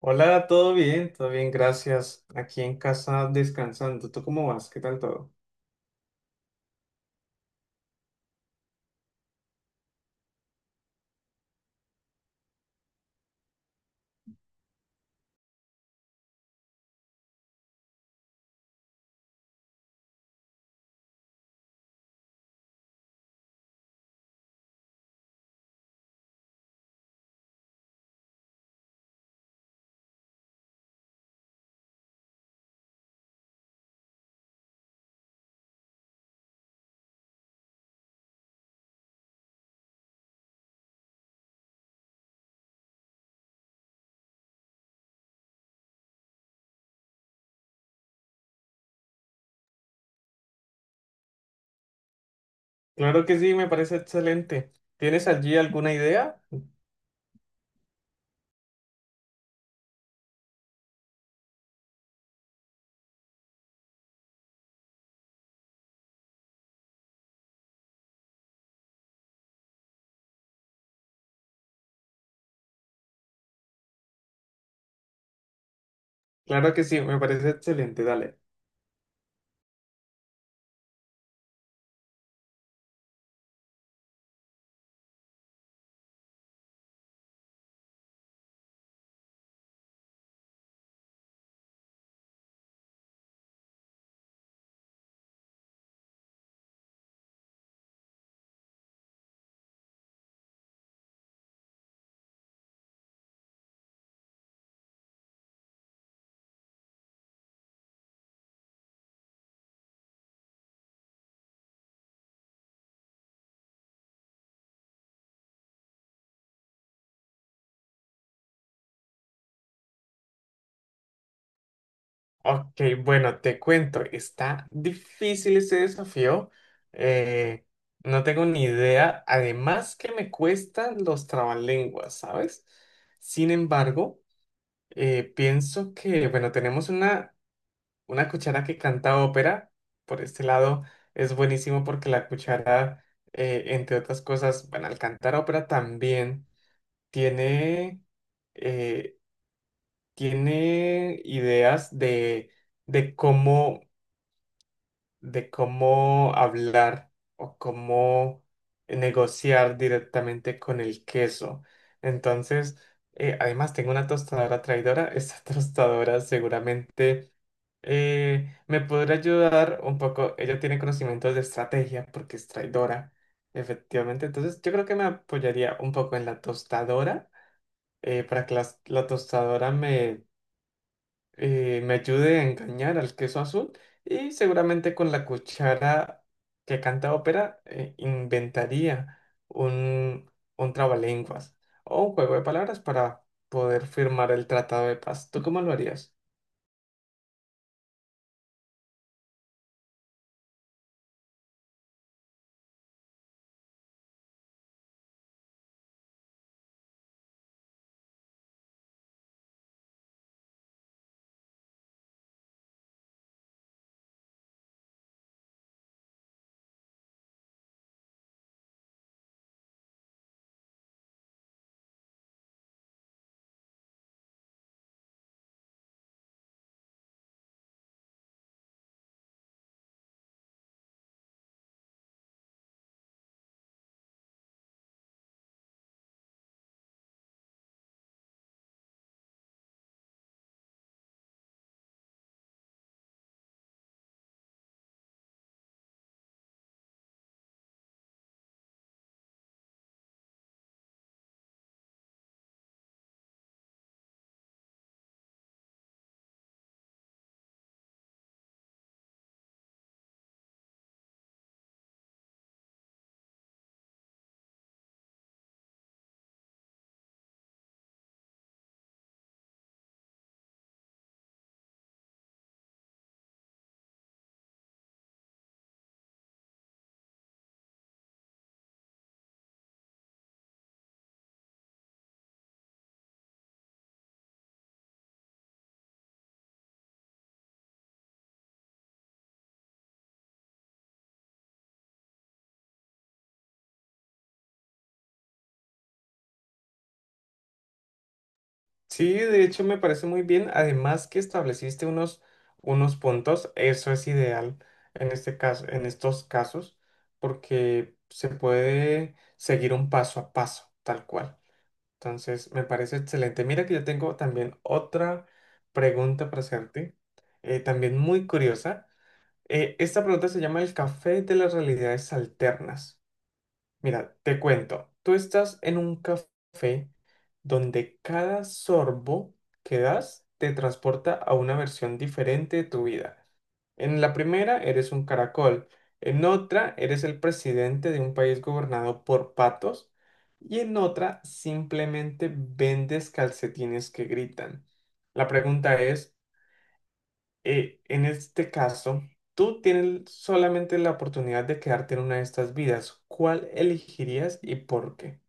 Hola, ¿todo bien? Todo bien, gracias. Aquí en casa descansando. ¿Tú cómo vas? ¿Qué tal todo? Claro que sí, me parece excelente. ¿Tienes allí alguna idea? Claro que sí, me parece excelente. Dale. Ok, bueno, te cuento. Está difícil este desafío. Eh, no tengo ni idea. Además que me cuestan los trabalenguas, ¿sabes? Sin embargo, pienso que, bueno, tenemos una una cuchara que canta ópera, por este lado, es buenísimo porque la cuchara, entre otras cosas, bueno, al cantar ópera también tiene, eh, tiene ideas de, de cómo, de cómo hablar o cómo negociar directamente con el queso. Entonces, además tengo una tostadora traidora. Esta tostadora seguramente me podría ayudar un poco. Ella tiene conocimientos de estrategia porque es traidora, efectivamente. Entonces, yo creo que me apoyaría un poco en la tostadora para que la tostadora me, me ayude a engañar al queso azul y seguramente con la cuchara que canta ópera inventaría un, un trabalenguas o un juego de palabras para poder firmar el tratado de paz. ¿Tú cómo lo harías? Sí, de hecho me parece muy bien. Además que estableciste unos, unos puntos, eso es ideal en este caso, en estos casos, porque se puede seguir un paso a paso, tal cual. Entonces, me parece excelente. Mira que yo tengo también otra pregunta para hacerte, también muy curiosa. Esta pregunta se llama el café de las realidades alternas. Mira, te cuento, tú estás en un café donde cada sorbo que das te transporta a una versión diferente de tu vida. En la primera eres un caracol, en otra eres el presidente de un país gobernado por patos y en otra simplemente vendes calcetines que gritan. La pregunta es, en este caso, tú tienes solamente la oportunidad de quedarte en una de estas vidas. ¿Cuál elegirías y por qué?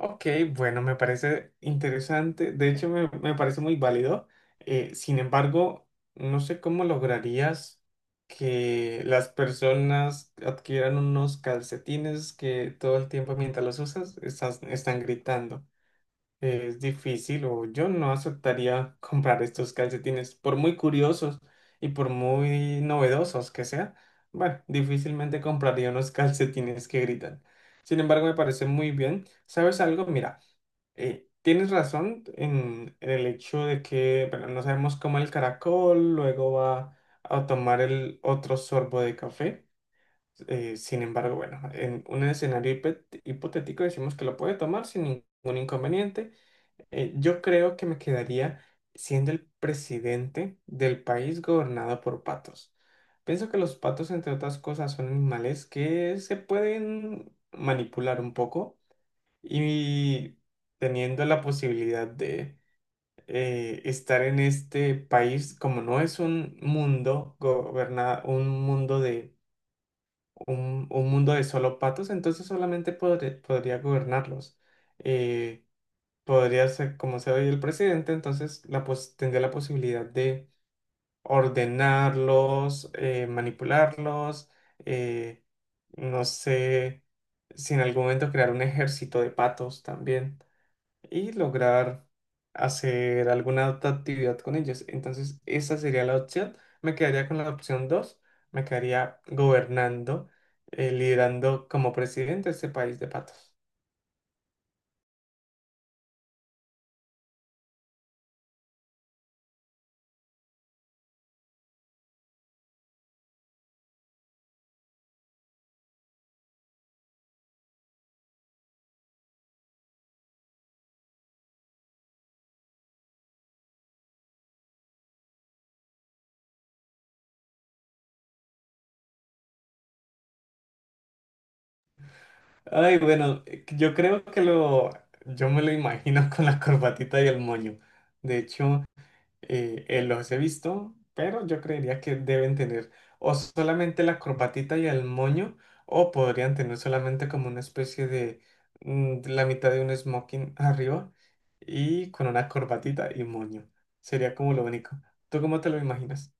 Ok, bueno, me parece interesante. De hecho, me parece muy válido. Sin embargo, no sé cómo lograrías que las personas adquieran unos calcetines que todo el tiempo mientras los usas están gritando. Es difícil o yo no aceptaría comprar estos calcetines, por muy curiosos y por muy novedosos que sean. Bueno, difícilmente compraría unos calcetines que gritan. Sin embargo, me parece muy bien. ¿Sabes algo? Mira, tienes razón en el hecho de que, bueno, no sabemos cómo el caracol, luego va a tomar el otro sorbo de café. Sin embargo, bueno, en un escenario hipotético decimos que lo puede tomar sin ningún inconveniente. Yo creo que me quedaría siendo el presidente del país gobernado por patos. Pienso que los patos, entre otras cosas, son animales que se pueden manipular un poco y teniendo la posibilidad de estar en este país, como no es un mundo gobernado, un mundo de un mundo de solo patos, entonces podría gobernarlos. Eh, Podría ser como sea hoy el presidente, entonces tendría la posibilidad de ordenarlos, manipularlos, eh, no sé, si en algún momento crear un ejército de patos también y lograr hacer alguna otra actividad con ellos. Entonces, esa sería la opción. Me quedaría con la opción dos, me quedaría gobernando, liderando como presidente este país de patos. Ay, bueno, yo creo que yo me lo imagino con la corbatita y el moño. De hecho, los he visto, pero yo creería que deben tener o solamente la corbatita y el moño, o podrían tener solamente como una especie de la mitad de un smoking arriba y con una corbatita y moño. Sería como lo único. ¿Tú cómo te lo imaginas?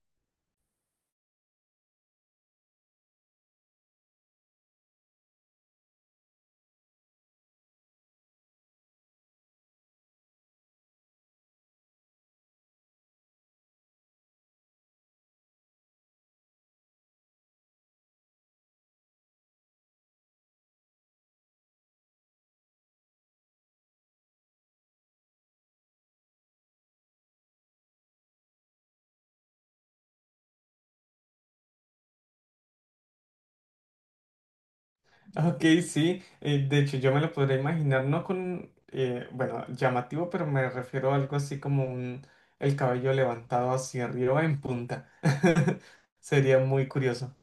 Ok, sí, de hecho yo me lo podría imaginar, no con, bueno, llamativo, pero me refiero a algo así como un, el cabello levantado hacia arriba en punta. Sería muy curioso.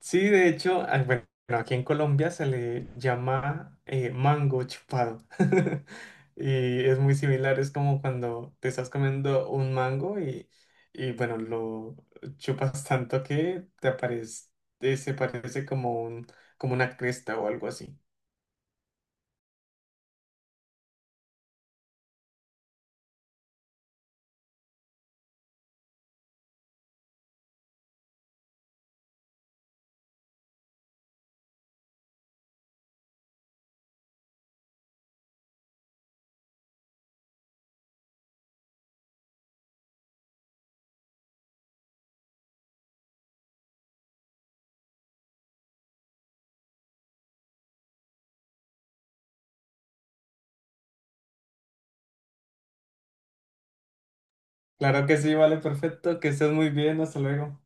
Sí, de hecho, ah, bueno, aquí en Colombia se le llama mango chupado. Y es muy similar, es como cuando te estás comiendo un mango y bueno, lo chupas tanto que te aparece, se parece como un, como una cresta o algo así. Claro que sí, vale, perfecto, que estés muy bien, hasta luego.